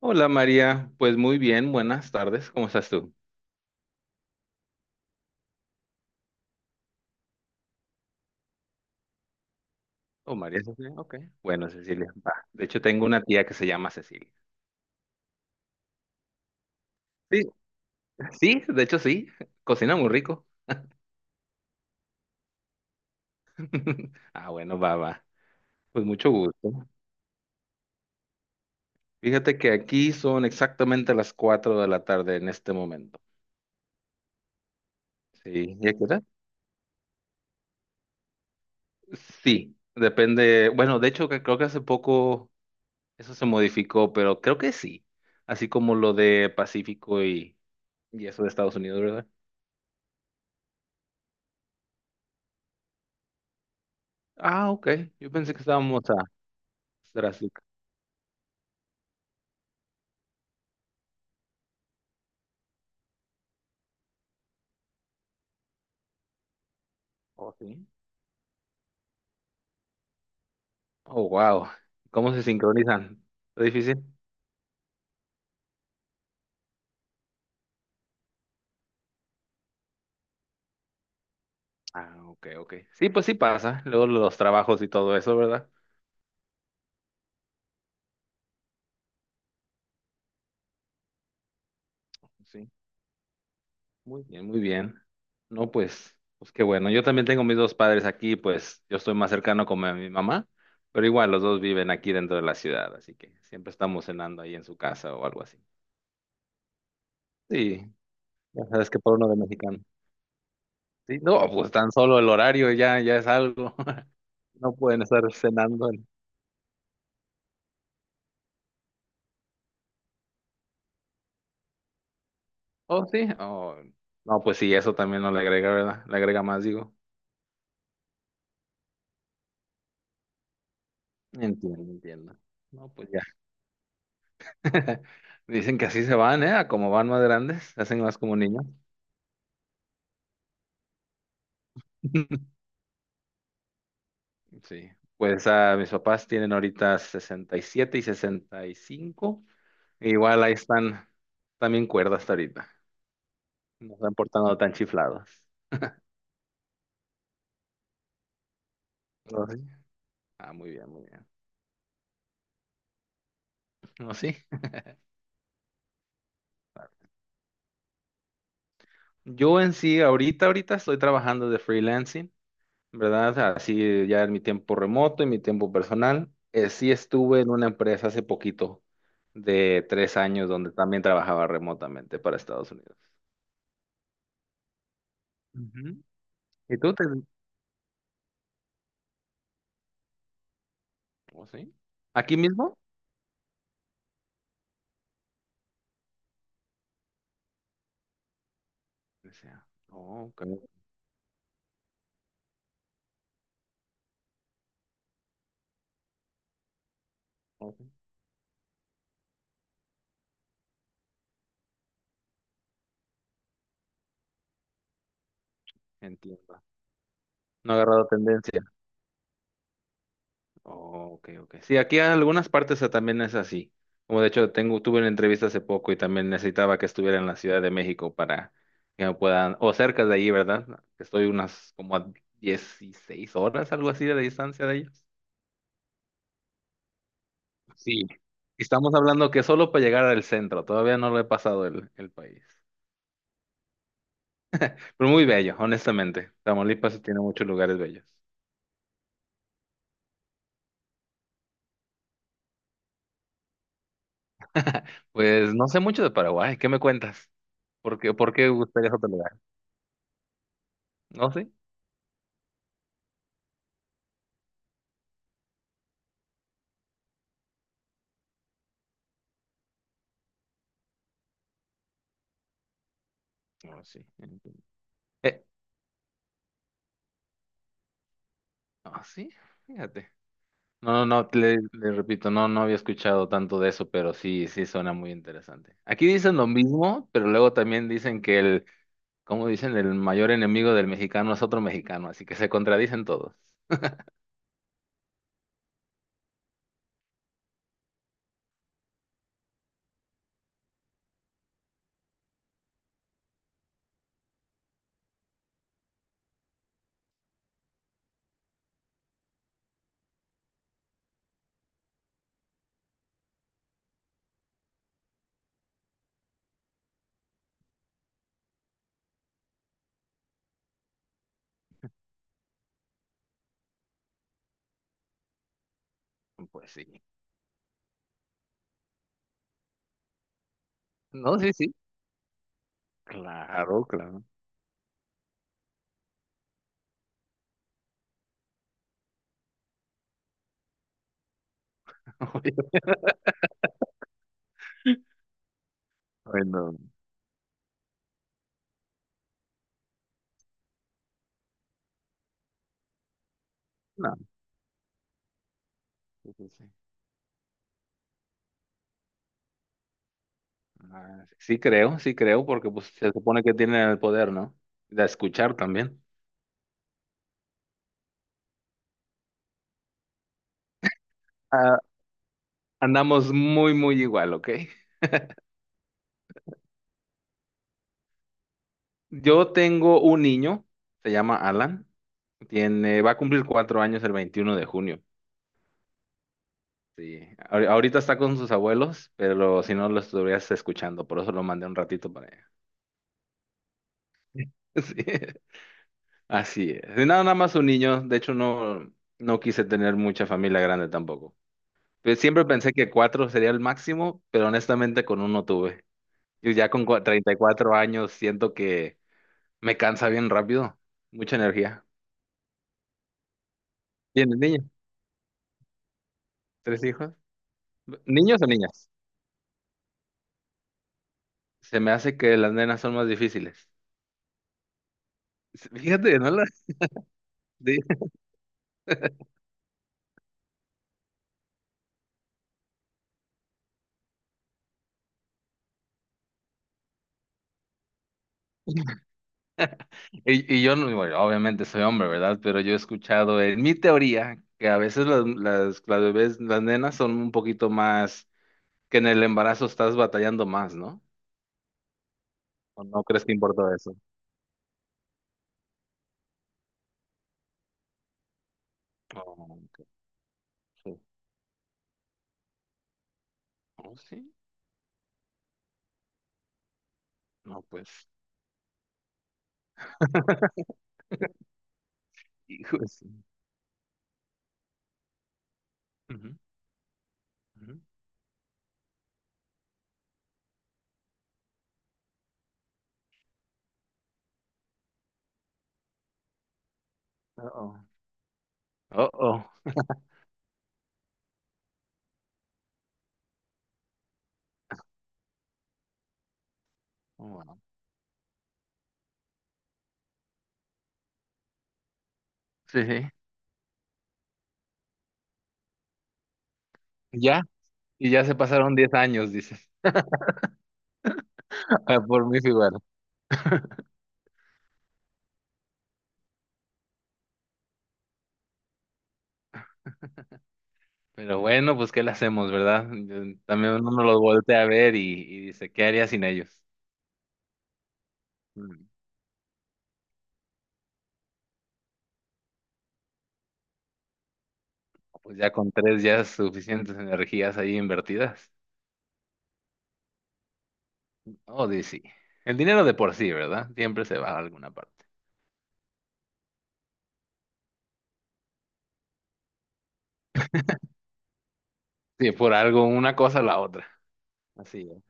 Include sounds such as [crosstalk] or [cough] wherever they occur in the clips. Hola María, pues muy bien, buenas tardes, ¿cómo estás tú? Oh, María Cecilia, ok. Bueno, Cecilia, va. De hecho, tengo una tía que se llama Cecilia. Sí, sí, de hecho sí, cocina muy rico. [laughs] Ah, bueno, va, va. Pues mucho gusto. Fíjate que aquí son exactamente las 4 de la tarde en este momento. Sí, ¿y a qué hora? Sí, depende. Bueno, de hecho, que creo que hace poco eso se modificó, pero creo que sí. Así como lo de Pacífico y eso de Estados Unidos, ¿verdad? Ah, ok. Yo pensé que estábamos a Strasbourg. Oh, sí. Oh, wow. ¿Cómo se sincronizan? ¿Es difícil? Ah, ok, ok. Sí, pues sí pasa. Luego los trabajos y todo eso, ¿verdad? Sí. Muy bien, muy bien. No, pues, pues qué bueno. Yo también tengo mis dos padres aquí, pues yo estoy más cercano con mi mamá, pero igual los dos viven aquí dentro de la ciudad, así que siempre estamos cenando ahí en su casa o algo así. Sí, ya sabes que por uno de mexicano. Sí, no, pues tan solo el horario ya, ya es algo. [laughs] No pueden estar cenando. En- Oh, sí. Oh, no, pues sí, eso también no le agrega, ¿verdad? Le agrega más, digo. Entiendo, entiendo. No, pues ya. [laughs] Dicen que así se van, ¿eh? A como van más grandes, se hacen más como niños. [laughs] Sí. Pues mis papás tienen ahorita 67 y 65. Igual ahí están también cuerdas hasta ahorita. No están portando tan chiflados. Oh, sí. Ah, muy bien, muy bien. No, sí. Yo en sí, ahorita estoy trabajando de freelancing. ¿Verdad? O sea, así ya en mi tiempo remoto y mi tiempo personal. Sí estuve en una empresa hace poquito de 3 años donde también trabajaba remotamente para Estados Unidos. Ujú. ¿Y tú te... ¿Oh, sí? ¿Aquí mismo? Decía, "Oh, ok, ok. Entiendo. No he agarrado tendencia. Oh, ok, ok. Sí, aquí en algunas partes también es así. Como de hecho, tengo, tuve una entrevista hace poco y también necesitaba que estuviera en la Ciudad de México para que me puedan, o cerca de ahí, ¿verdad? Que estoy unas como a 16 horas, algo así de distancia de ellos. Sí. Estamos hablando que solo para llegar al centro, todavía no lo he pasado el país. Pero muy bello, honestamente. Tamaulipas tiene muchos lugares bellos. Pues no sé mucho de Paraguay, ¿qué me cuentas? Por qué buscarías otro lugar? ¿No sé? No, sí. Entiendo. Eh, Ah, sí, fíjate. No, no, no, te- le repito, no, no había escuchado tanto de eso, pero sí, sí suena muy interesante. Aquí dicen lo mismo, pero luego también dicen que el, como dicen, el mayor enemigo del mexicano es otro mexicano, así que se contradicen todos. Pues sí. No, sí, sí. Claro, claro. [laughs] Bueno, no. Sí, sí, sí. Ah, sí creo, porque pues se supone que tienen el poder, ¿no? De escuchar también. Ah, andamos muy, muy igual, ¿ok? Yo tengo un niño, se llama Alan, tiene, va a cumplir 4 años el 21 de junio. Sí, ahorita está con sus abuelos, pero si no lo estuvieras escuchando, por eso lo mandé un ratito para allá. [laughs] Sí, así es. Y nada, nada más un niño, de hecho no, no quise tener mucha familia grande tampoco. Pues siempre pensé que cuatro sería el máximo, pero honestamente con uno tuve. Yo ya con 34 años siento que me cansa bien rápido, mucha energía. ¿Tienes niños, ¿tres hijos? ¿Niños o niñas? Se me hace que las nenas son más difíciles. Fíjate, no las... [laughs] de- Y yo, no- bueno, obviamente soy hombre, ¿verdad? Pero yo he escuchado en mi teoría que a veces las bebés, las nenas son un poquito más, que en el embarazo estás batallando más, ¿no? ¿O no crees que importa eso? Oh, ok, sí. Oh, sí. No, pues. [laughs] Hijo de su- Ujú, ujú. Uh-oh. Uh-oh. Oh, wow. Sí, sí. Ya. Y ya se pasaron 10 años, dices. [laughs] Por mi figura. Pero bueno, pues ¿qué le hacemos, verdad? Yo- También uno los voltea a ver y dice, ¿qué haría sin ellos? Mm, pues ya con tres ya es suficientes energías ahí invertidas. Oh, sí. El dinero de por sí, ¿verdad? Siempre se va a alguna parte. Sí, por algo, una cosa o la otra. Así es.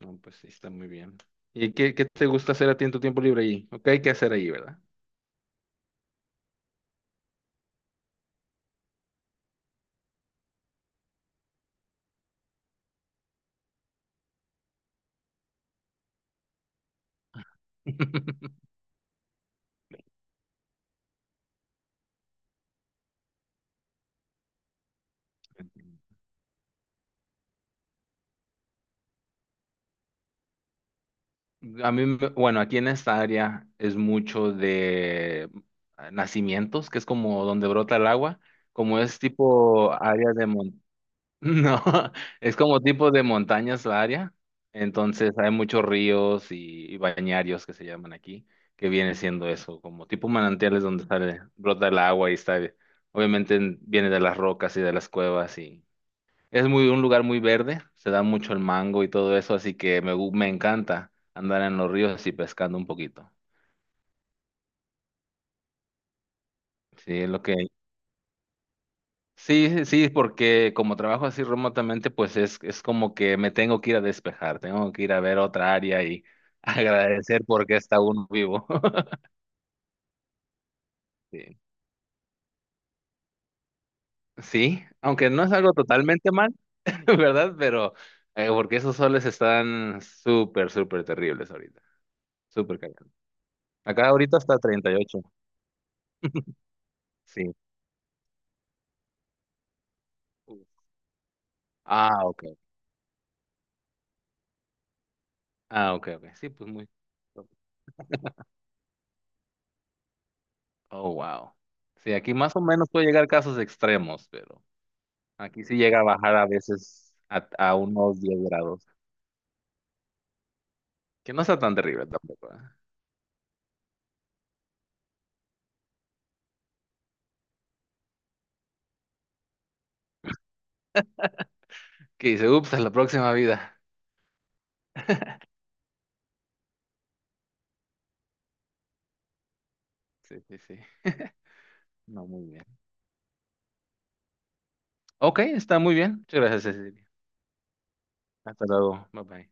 No, pues sí, está muy bien. ¿Y qué, qué te gusta hacer a ti en tu tiempo libre ahí? Ok, hay que hacer ahí, ¿verdad? [laughs] A mí, me- bueno, aquí en esta área es mucho de nacimientos, que es como donde brota el agua, como es tipo área de mon- [laughs] no, es como tipo de montañas la área, entonces hay muchos ríos y bañarios que se llaman aquí, que viene siendo eso, como tipo manantiales donde sale, brota el agua y está, obviamente viene de las rocas y de las cuevas y es muy un lugar muy verde, se da mucho el mango y todo eso, así que me, me encanta andar en los ríos así pescando un poquito. Sí, es lo que sí, sí, sí, porque como trabajo así remotamente, pues es como que me tengo que ir a despejar, tengo que ir a ver otra área y [laughs] agradecer porque está uno vivo. [laughs] Sí, sí, aunque no es algo totalmente mal, [laughs] ¿verdad? Pero porque esos soles están súper, súper terribles ahorita, súper calientes. Acá ahorita está 38 sí. Ah, ok. Ah, ok, ok. Sí, pues muy. Oh, wow. Sí, aquí más o menos puede llegar casos extremos, pero aquí sí llega a bajar a veces a unos 10 grados, que no está tan terrible tampoco. ¿Eh? Que dice, ups, a la próxima vida. Sí, sí, sí. No, muy bien. Ok, está muy bien. Muchas gracias, Cecilia. Hasta luego. Bye bye.